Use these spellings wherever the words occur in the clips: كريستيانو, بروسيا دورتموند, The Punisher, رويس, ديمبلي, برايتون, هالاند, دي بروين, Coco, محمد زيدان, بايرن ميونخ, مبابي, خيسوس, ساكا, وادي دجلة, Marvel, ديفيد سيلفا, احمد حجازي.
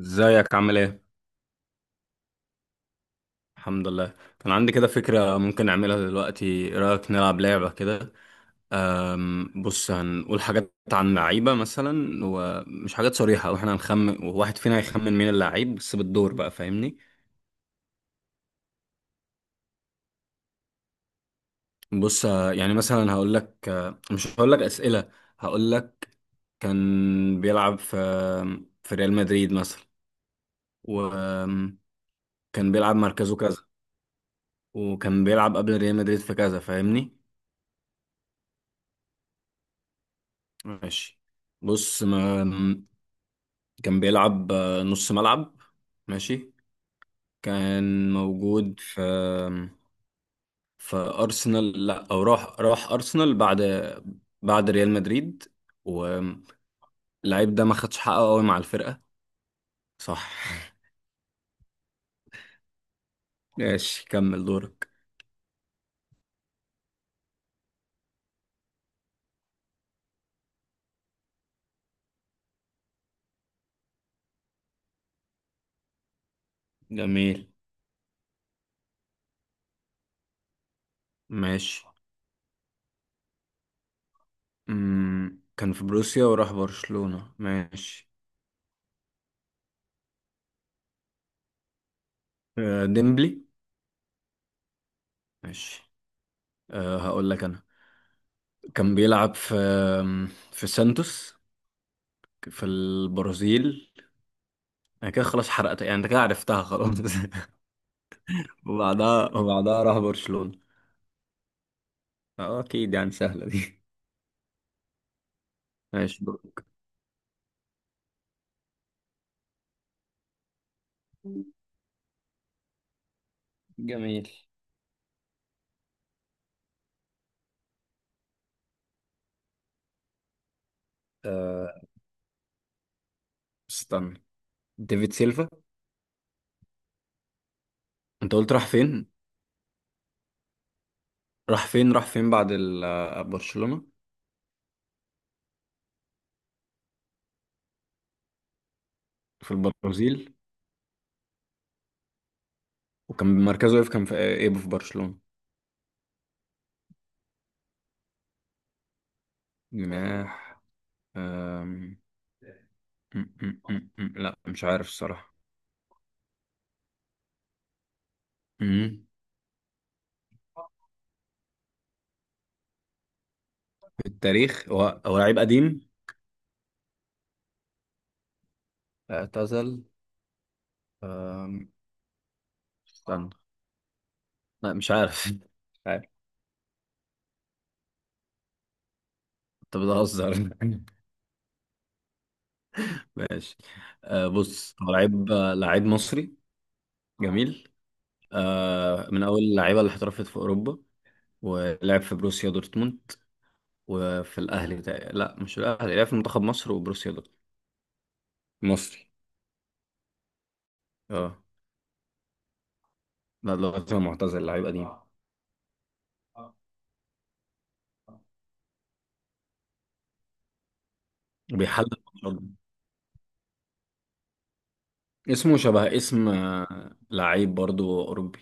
ازيك عامل ايه؟ الحمد لله كان عندي كده فكرة ممكن نعملها دلوقتي، ايه رأيك نلعب لعبة كده؟ بص هنقول حاجات عن لعيبة مثلا ومش حاجات صريحة واحنا هنخمن، وواحد فينا هيخمن مين اللعيب بس بالدور بقى، فاهمني؟ بص اه، يعني مثلا هقول لك اه، مش هقول لك أسئلة. هقول لك كان بيلعب في ريال مدريد مثلا، وكان بيلعب مركزه كذا، وكان بيلعب قبل ريال مدريد في كذا، فاهمني؟ ماشي. بص ما كان بيلعب نص ملعب. ماشي. كان موجود في أرسنال، لا أو راح أرسنال بعد، بعد ريال مدريد. واللعيب ده ما خدش حقه قوي مع الفرقة، صح. ماشي كمل دورك. جميل. ماشي. أمم، كان في بروسيا وراح برشلونة، ماشي. آه، ديمبلي. ماشي. أه هقول لك أنا. كان بيلعب في سانتوس في البرازيل. انا كده خلاص حرقتها يعني، انت كده عرفتها خلاص. وبعدها راح برشلونة. اه اكيد يعني، سهلة دي. ماشي دور. جميل. آه. استنى. ديفيد سيلفا. انت قلت راح فين؟ راح فين بعد برشلونة؟ في البرازيل. وكان مركزه ايه كان في آه، ايه في برشلونة؟ جناح. آم، لا مش عارف الصراحة. مم. في التاريخ، هو هو لعيب قديم. اعتزل. آم، استنى. لا مش عارف. انت بتهزر. ماشي. آه بص هو لعيب آه، لعيب مصري. جميل. آه من اول اللعيبه اللي احترفت في اوروبا، ولعب في بروسيا دورتموند وفي الاهلي لا مش الاهلي، لعب في منتخب مصر وبروسيا دورتموند. مصري. اه. لا دلوقتي هو معتزل، لعيب قديم. وبيحلل برضه. اسمه شبه اسم آه، لعيب برضه اوروبي.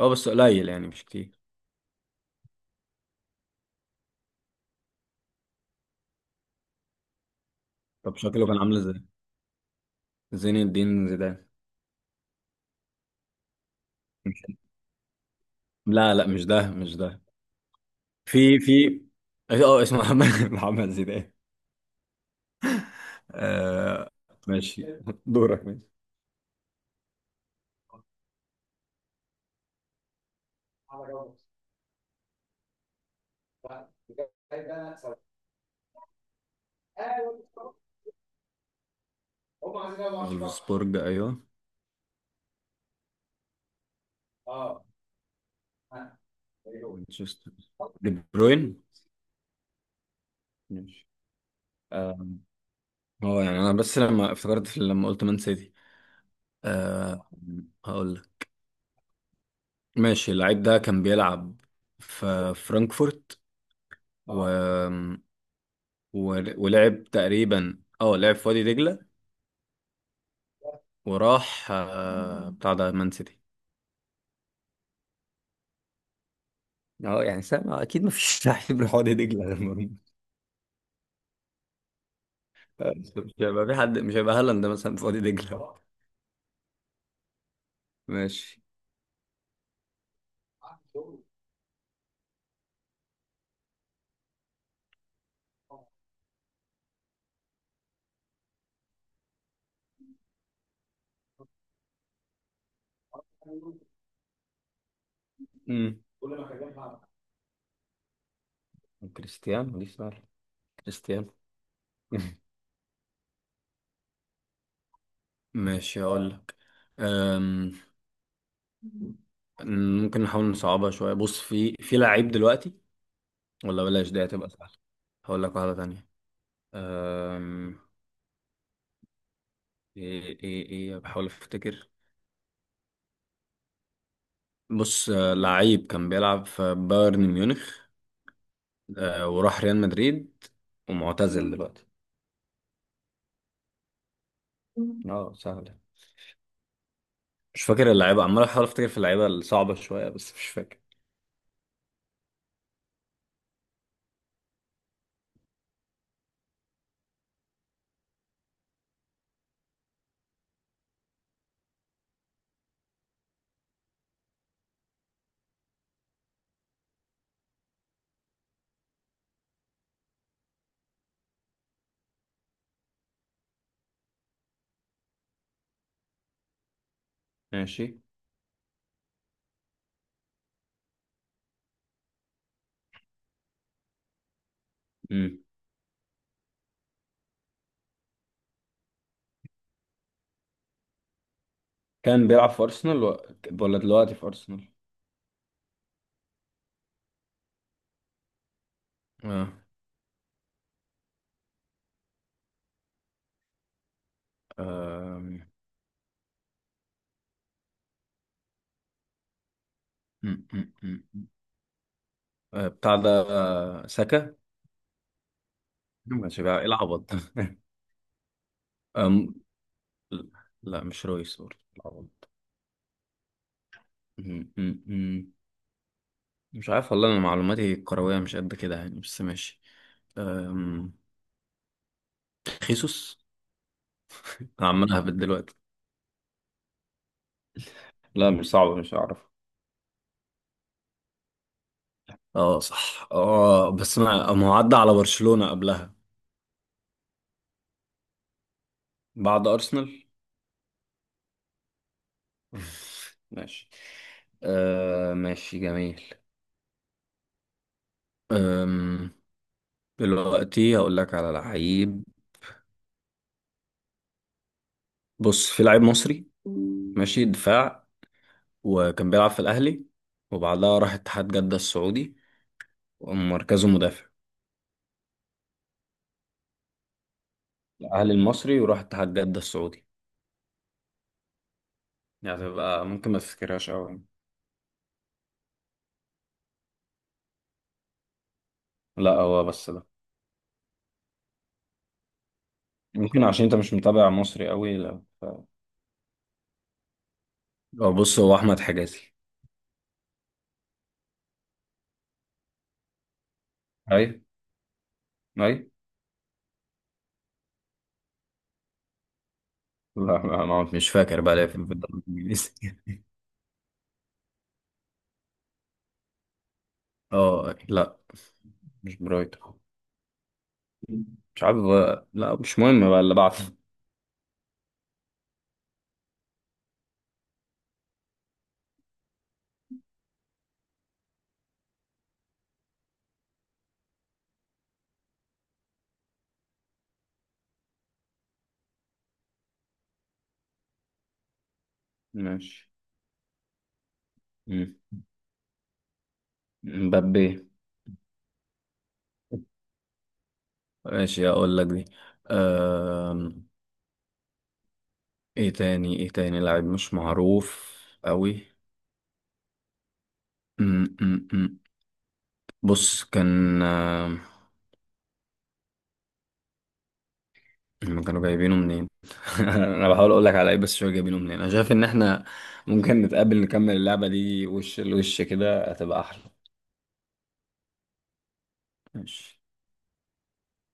اه بس قليل يعني مش كتير. طب شكله كان عامل ازاي؟ زين الدين زيدان. مش- لا لا مش ده، مش ده. في في اه آه، اسمه محمد محمد زيدان. آه. ماشي. دورك. ماشي. فولفسبورج، ايوه. مانشستر. دي بروين. ماشي آه. هو يعني انا بس لما افتكرت لما قلت مان سيتي. آه. هقول لك. ماشي اللعيب ده كان بيلعب في فرانكفورت و... ولعب تقريبا اه لعب في وادي دجلة، وراح آه بتاع ده مان سيتي. اه يعني سامع اكيد، ما فيش لعيب راح وادي دجلة غير. مش هيبقى في حد، مش هيبقى هالاند مثلا في وادي دجله. ماشي. امم. كريستيانو، دي سهله. كريستيانو. ماشي هقول لك. أم، ممكن نحاول نصعبها شويه. بص في في لعيب دلوقتي، ولا بلاش دي هتبقى سهله. هقول لك واحده تانية. أم، ايه ايه ايه، بحاول افتكر. بص آه، لعيب كان بيلعب في بايرن ميونخ آه، وراح ريال مدريد، ومعتزل دلوقتي. اه سهل. مش فاكر اللعيبه، عمال احاول افتكر في اللعيبه الصعبه شويه بس مش فاكر. ماشي. مم. كان بيلعب في أرسنال ولا دلوقتي في أرسنال؟ اه. آم، م- م- م- م. آه، بتاع ده آه، ساكا. ما كانش بيلعب، ايه العبط ده. آم، لا مش رويس برضه العبط. م- م- م. مش عارف والله، انا معلوماتي الكرويه مش قد كده يعني، بس ماشي. آم، خيسوس. انا عمال اهبط دلوقتي. لا مش صعب مش هعرف. اه صح اه، بس انا ما هو عدى على برشلونة قبلها. بعد ارسنال. ماشي. آه ماشي جميل. أم، دلوقتي هقول لك على لعيب. بص في لعيب مصري، ماشي، دفاع، وكان بيلعب في الاهلي وبعدها راح اتحاد جدة السعودي، ومركزه مدافع. الاهلي المصري وراح اتحاد جدة السعودي، يعني تبقى ممكن ما تفتكرهاش قوي. لا هو بس ده. ممكن عشان انت مش متابع مصري قوي، لا اه بص هو احمد حجازي. اي. اي. لا ما مش فاكر بقى ليه في الدوري الانجليزي. اه لا، مش برايتون. مش عارف بقى. لا مش مهم بقى اللي بعده. ماشي. مم. مبابي. ماشي اقول لك دي. أم... ايه تاني، ايه تاني لاعب مش معروف قوي. أم، أم، أم. بص كان، هم كانوا جايبينه منين. انا بحاول اقول لك على ايه بس شويه جايبينه منين. انا شايف ان احنا ممكن نتقابل نكمل اللعبه دي وش لوش، كده هتبقى احلى. ماشي.